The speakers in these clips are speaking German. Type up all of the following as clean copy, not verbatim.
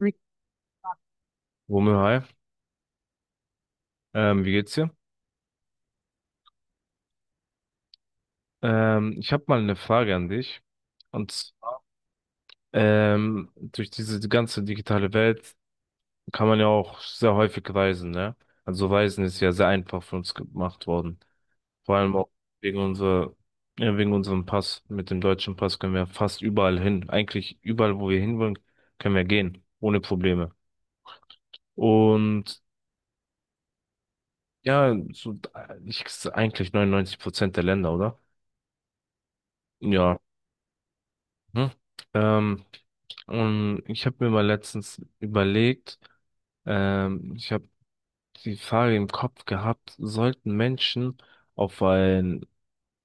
Hm. Romeo, hi. Wie geht's dir? Ich habe mal eine Frage an dich. Und durch diese ganze digitale Welt kann man ja auch sehr häufig reisen, ne? Also Reisen ist ja sehr einfach für uns gemacht worden. Vor allem auch wegen ja, wegen unserem Pass. Mit dem deutschen Pass können wir fast überall hin. Eigentlich überall, wo wir hinwollen, können wir gehen, ohne Probleme. Und ja, so, eigentlich 99% der Länder, oder? Ja. Hm. Ähm, Und ich habe mir mal letztens überlegt, ich habe die Frage im Kopf gehabt. Sollten Menschen auf ein,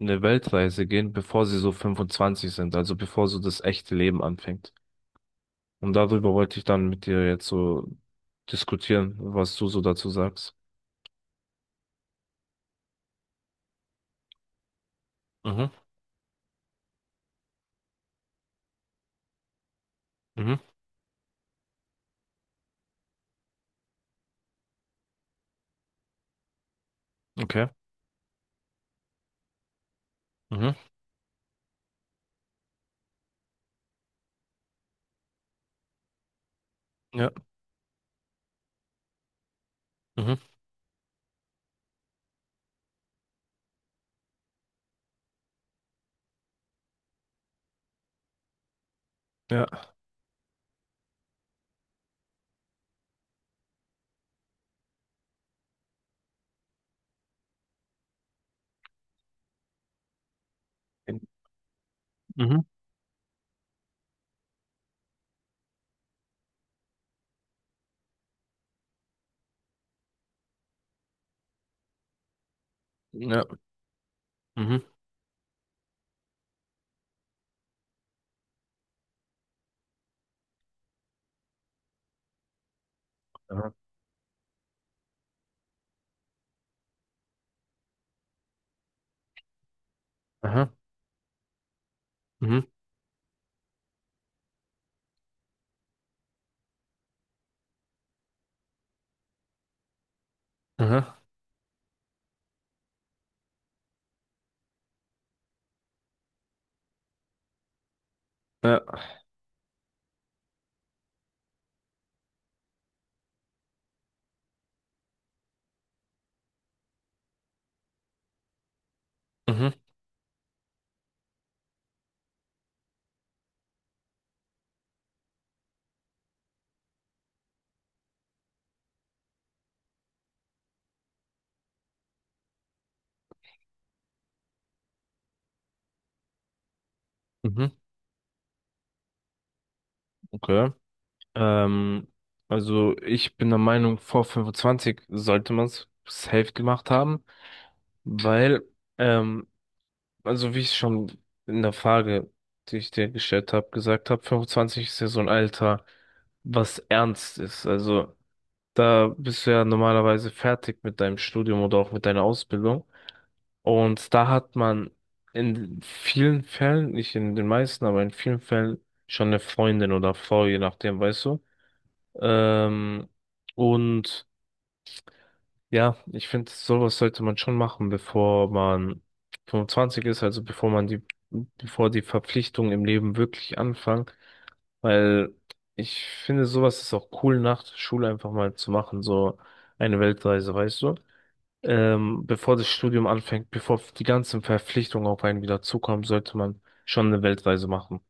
eine Weltreise gehen, bevor sie so 25 sind, also bevor so das echte Leben anfängt? Und darüber wollte ich dann mit dir jetzt so diskutieren, was du so dazu sagst. Mhm, mhm, okay, mhm, ja, mhm, ja, mhm, ja, mhm, aha, aha, mhm, aha, ja, mhm, mhm, okay. Ähm, also ich bin der Meinung, vor 25 sollte man es safe gemacht haben, weil, ähm, also wie ich schon in der Frage, die ich dir gestellt habe, gesagt habe, 25 ist ja so ein Alter, was ernst ist. Also da bist du ja normalerweise fertig mit deinem Studium oder auch mit deiner Ausbildung. Und da hat man in vielen Fällen, nicht in den meisten, aber in vielen Fällen schon eine Freundin oder Frau, je nachdem, weißt du. Ähm, und ja, ich finde, sowas sollte man schon machen, bevor man 25 ist, also bevor die Verpflichtungen im Leben wirklich anfangen, weil ich finde, sowas ist auch cool, nach der Schule einfach mal zu machen, so eine Weltreise, weißt du? Bevor das Studium anfängt, bevor die ganzen Verpflichtungen auf einen wieder zukommen, sollte man schon eine Weltreise machen.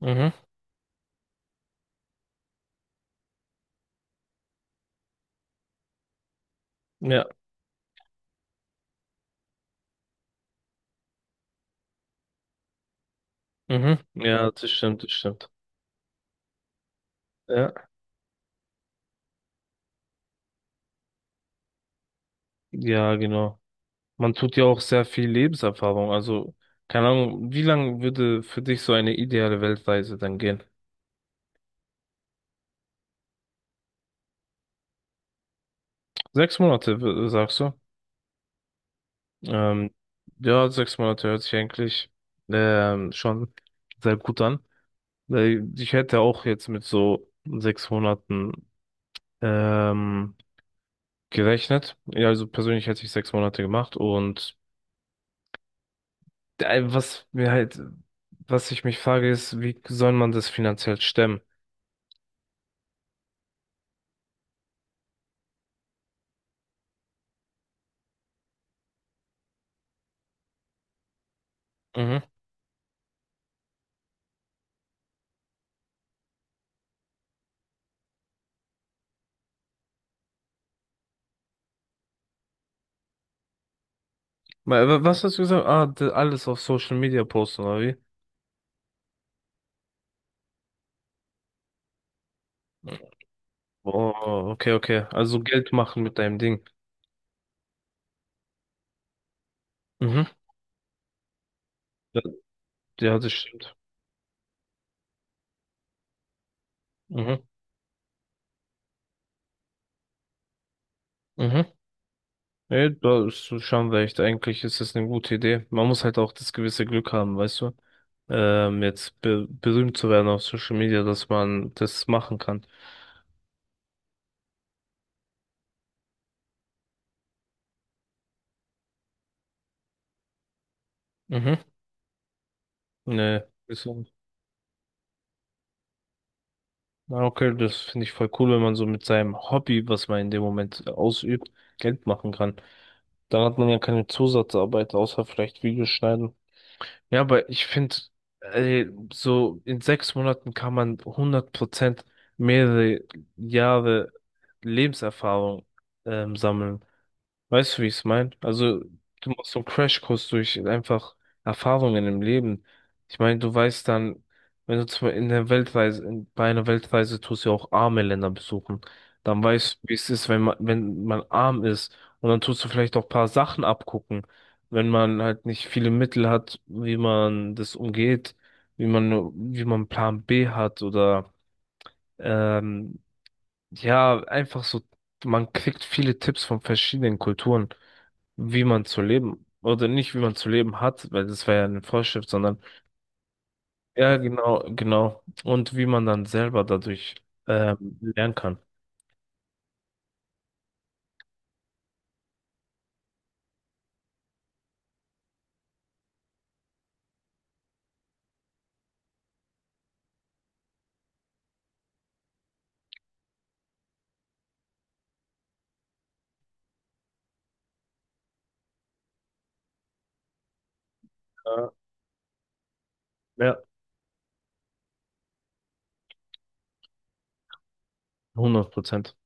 Mhm. Ja, mhm. Ja, das stimmt, das stimmt. Ja, ja, genau. Man tut ja auch sehr viel Lebenserfahrung. Also, keine Ahnung, wie lang würde für dich so eine ideale Weltreise dann gehen? Sechs Monate, sagst du? Ähm, ja, sechs Monate hört sich eigentlich schon sehr gut an. Weil ich hätte auch jetzt mit so sechs Monaten ähm, gerechnet. Ja, also persönlich hätte ich sechs Monate gemacht. Und äh, was mir halt, was ich mich frage, ist: wie soll man das finanziell stemmen? Mhm. Was hast du gesagt? Ah, alles auf Social Media posten, oder wie? Oh, okay, okay. Also Geld machen mit deinem Ding. Mhm. Ja, ja, das stimmt. Mhm. Mhm. Nee, da ist du schon recht. Eigentlich ist das eine gute Idee. Man muss halt auch das gewisse Glück haben, weißt du? Jetzt be berühmt zu werden auf Social Media, dass man das machen kann. Mhm. Nee. Na, okay, das finde ich voll cool, wenn man so mit seinem Hobby, was man in dem Moment ausübt, Geld machen kann. Dann hat man ja keine Zusatzarbeit, außer vielleicht Videos schneiden. Ja, aber ich finde, äh, so in sechs Monaten kann man hundert Prozent mehrere Jahre Lebenserfahrung sammeln. Weißt du, wie ich es meine? Also, du machst so einen Crashkurs durch einfach Erfahrungen im Leben. Ich meine, du weißt dann, wenn du zum, bei einer Weltreise tust du ja auch arme Länder besuchen, dann weißt du, wie es ist, wenn man arm ist. Und dann tust du vielleicht auch ein paar Sachen abgucken, wenn man halt nicht viele Mittel hat, wie man das umgeht, wie man Plan B hat oder ähm, ja, einfach so, man kriegt viele Tipps von verschiedenen Kulturen, wie man zu leben oder nicht, wie man zu leben hat, weil das war ja eine Vorschrift, sondern ja, genau, genau. Und wie man dann selber dadurch lernen kann. Ja, ja, 100%.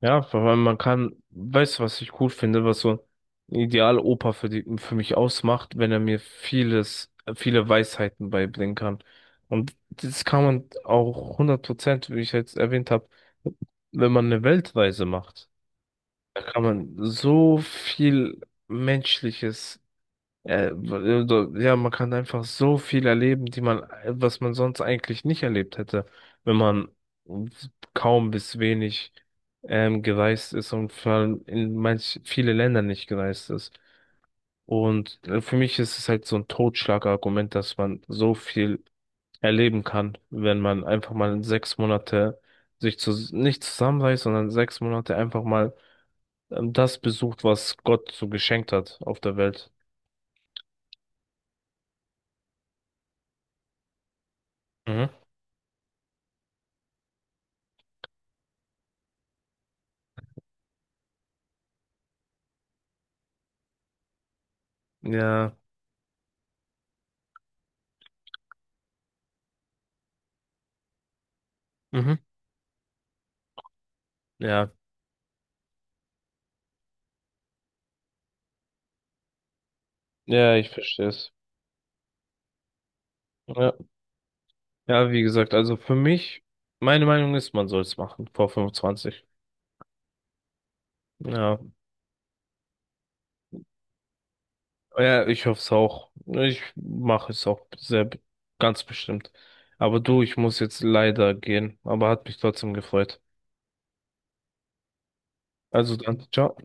Ja, weil man kann, weißt du, was ich cool finde, was so ein Idealopa für mich ausmacht, wenn er mir viele Weisheiten beibringen kann. Und das kann man auch hundert Prozent, wie ich jetzt erwähnt habe, wenn man eine Weltreise macht. Da kann man so viel Menschliches also, ja, man kann einfach so viel erleben, was man sonst eigentlich nicht erlebt hätte, wenn man kaum bis wenig gereist ist und vor allem in manch viele Länder nicht gereist ist. Und für mich ist es halt so ein Totschlagargument, dass man so viel erleben kann, wenn man einfach mal sechs Monate nicht zusammenreißt, sondern sechs Monate einfach mal das besucht, was Gott so geschenkt hat auf der Welt. Mhm. Ja. Mhm. Ja, ja, ich verstehe es. Ja, ja, wie gesagt, also für mich, meine Meinung ist, man soll es machen, vor 25. Ja, ja, ich hoffe es auch. Ich mache es auch sehr, ganz bestimmt. Aber du, ich muss jetzt leider gehen, aber hat mich trotzdem gefreut. Also dann, ciao.